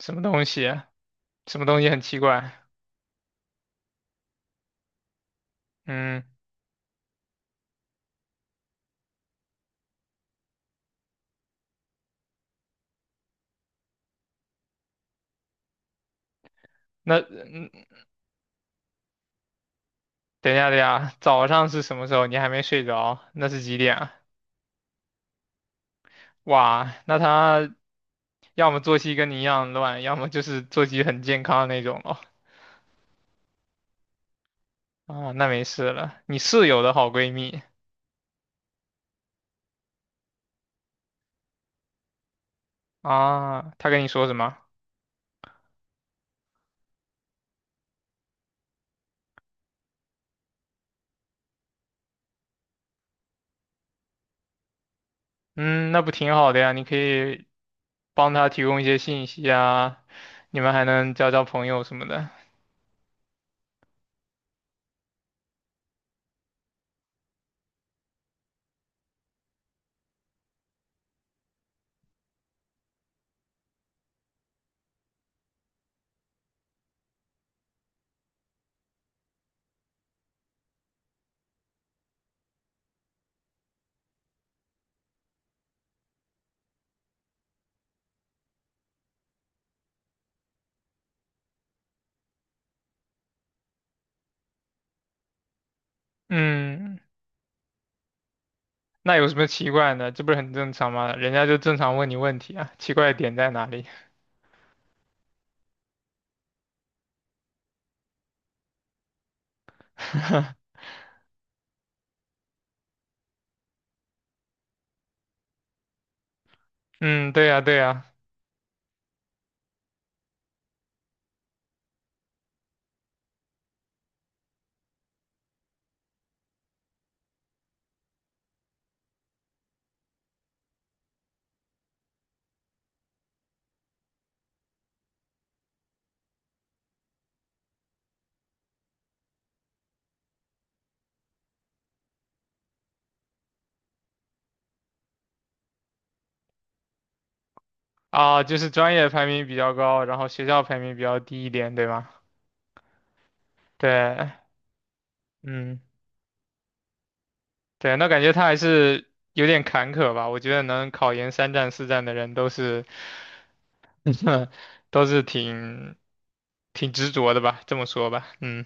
什么东西？什么东西很奇怪？嗯，那等一下，等一下，早上是什么时候？你还没睡着？那是几点啊？哇，那他要么作息跟你一样乱，要么就是作息很健康的那种哦。啊，那没事了。你室友的好闺蜜啊，她跟你说什么？嗯，那不挺好的呀？你可以帮她提供一些信息啊，你们还能交交朋友什么的。嗯，那有什么奇怪呢？这不是很正常吗？人家就正常问你问题啊，奇怪的点在哪里？嗯，对呀，对呀，啊，就是专业排名比较高，然后学校排名比较低一点，对吗？对，嗯，对，那感觉他还是有点坎坷吧？我觉得能考研三战四战的人都是，都是挺执着的吧，这么说吧，嗯，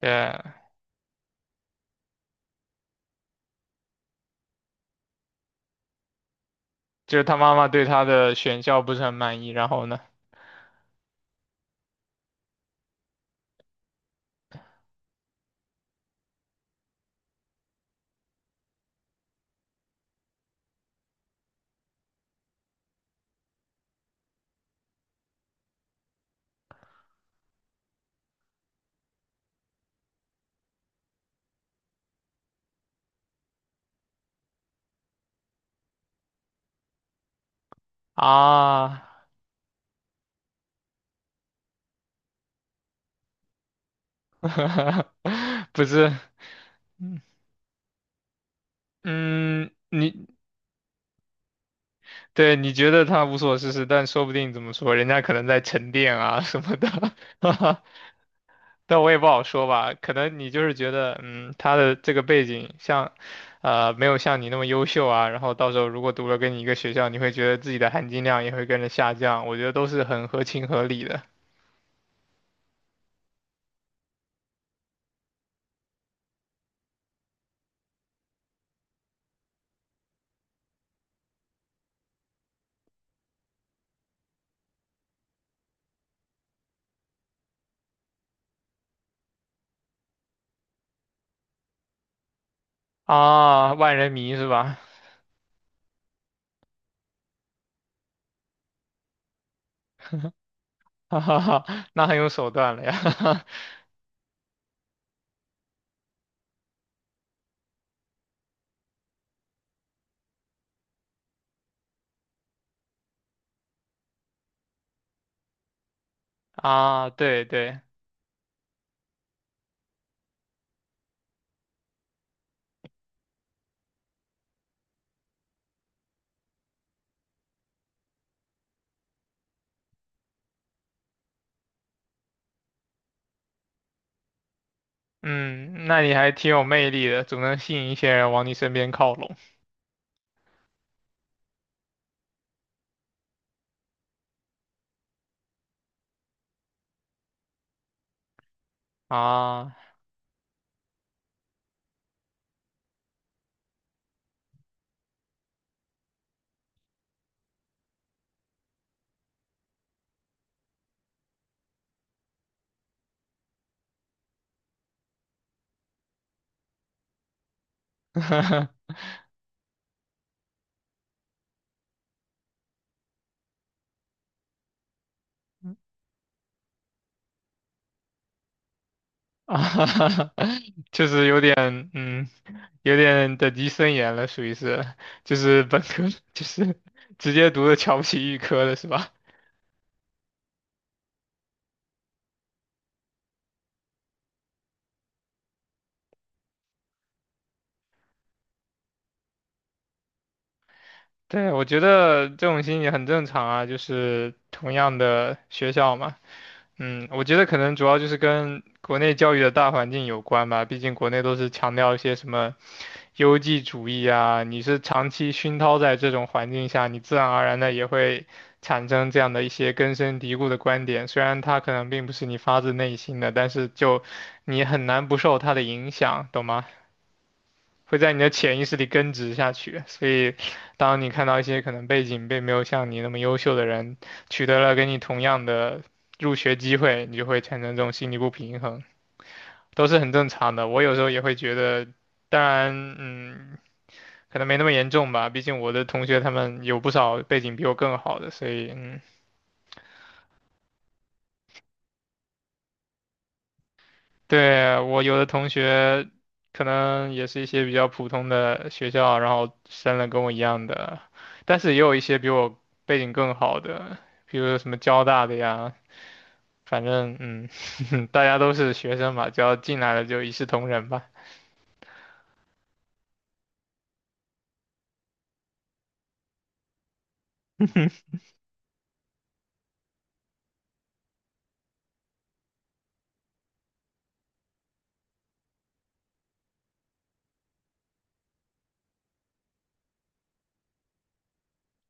对，就是他妈妈对他的选校不是很满意，然后呢？啊。不是，嗯嗯你对你觉得他无所事事，但说不定怎么说，人家可能在沉淀啊什么的，哈哈但我也不好说吧。可能你就是觉得，嗯，他的这个背景像，没有像你那么优秀啊。然后到时候如果读了跟你一个学校，你会觉得自己的含金量也会跟着下降。我觉得都是很合情合理的啊。万人迷是吧？哈哈哈，那很有手段了呀。啊，对对。嗯，那你还挺有魅力的，总能吸引一些人往你身边靠拢啊。啊，就是有点，嗯，有点等级森严了，属于是，就是本科，就是直接读的瞧不起预科了，是吧？对，我觉得这种心理很正常啊，就是同样的学校嘛，嗯，我觉得可能主要就是跟国内教育的大环境有关吧，毕竟国内都是强调一些什么优绩主义啊，你是长期熏陶在这种环境下，你自然而然的也会产生这样的一些根深蒂固的观点，虽然它可能并不是你发自内心的，但是就你很难不受它的影响，懂吗？会在你的潜意识里根植下去。所以，当你看到一些可能背景并没有像你那么优秀的人取得了跟你同样的入学机会，你就会产生这种心理不平衡，都是很正常的。我有时候也会觉得，当然，嗯，可能没那么严重吧，毕竟我的同学他们有不少背景比我更好的，所以，嗯。对，我有的同学可能也是一些比较普通的学校，然后升了跟我一样的，但是也有一些比我背景更好的，比如什么交大的呀，反正嗯，大家都是学生嘛，只要进来了就一视同仁吧。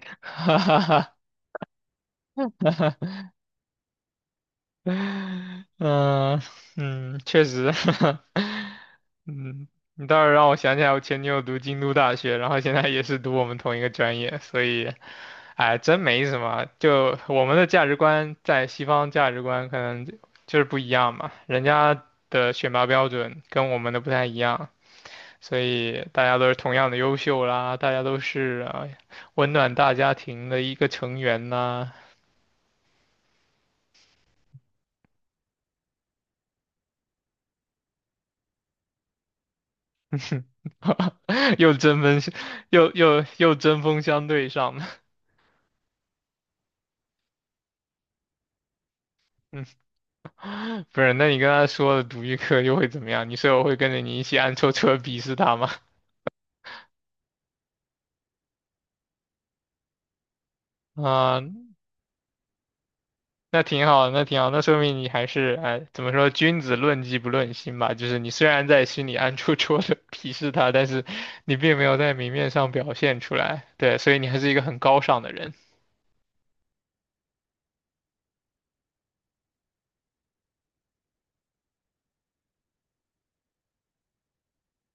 嗯嗯，确实，嗯，你倒是让我想起来，我前女友读京都大学，然后现在也是读我们同一个专业，所以，哎，真没什么。就我们的价值观在西方价值观可能就是不一样嘛，人家的选拔标准跟我们的不太一样，所以大家都是同样的优秀啦，大家都是啊温暖大家庭的一个成员呐。又针锋相，又针锋相对上了。嗯，不是，那你跟他说了独立课又会怎么样？你舍友会跟着你一起暗戳戳地鄙视他吗？啊、那挺好，那挺好，那说明你还是哎，怎么说，君子论迹不论心吧。就是你虽然在心里暗戳戳的 鄙视他，但是你并没有在明面上表现出来，对，所以你还是一个很高尚的人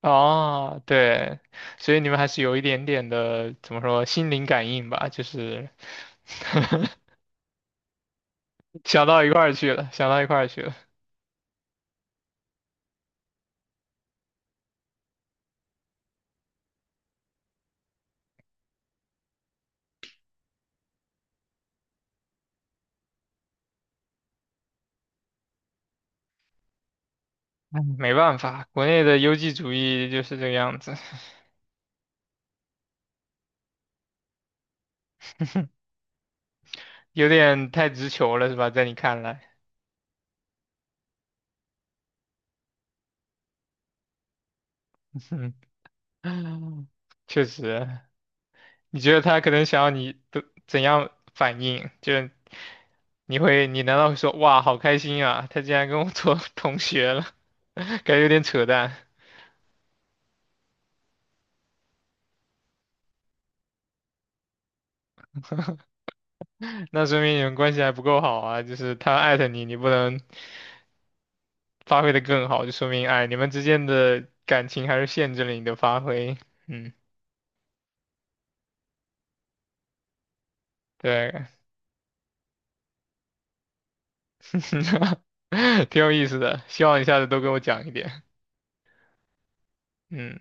哦，对，所以你们还是有一点点的怎么说心灵感应吧，就是 想到一块儿去了，想到一块儿去了。哎，没办法，国内的优绩主义就是这个样子，有点太直球了，是吧？在你看来，嗯，确实，你觉得他可能想要你的怎样反应？就是你会，你难道会说哇，好开心啊，他竟然跟我做 同学了，感觉有点扯淡。那说明你们关系还不够好啊，就是他艾特你，你不能发挥的更好，就说明哎，你们之间的感情还是限制了你的发挥，嗯。对，挺有意思的，希望你下次都给我讲一点。嗯。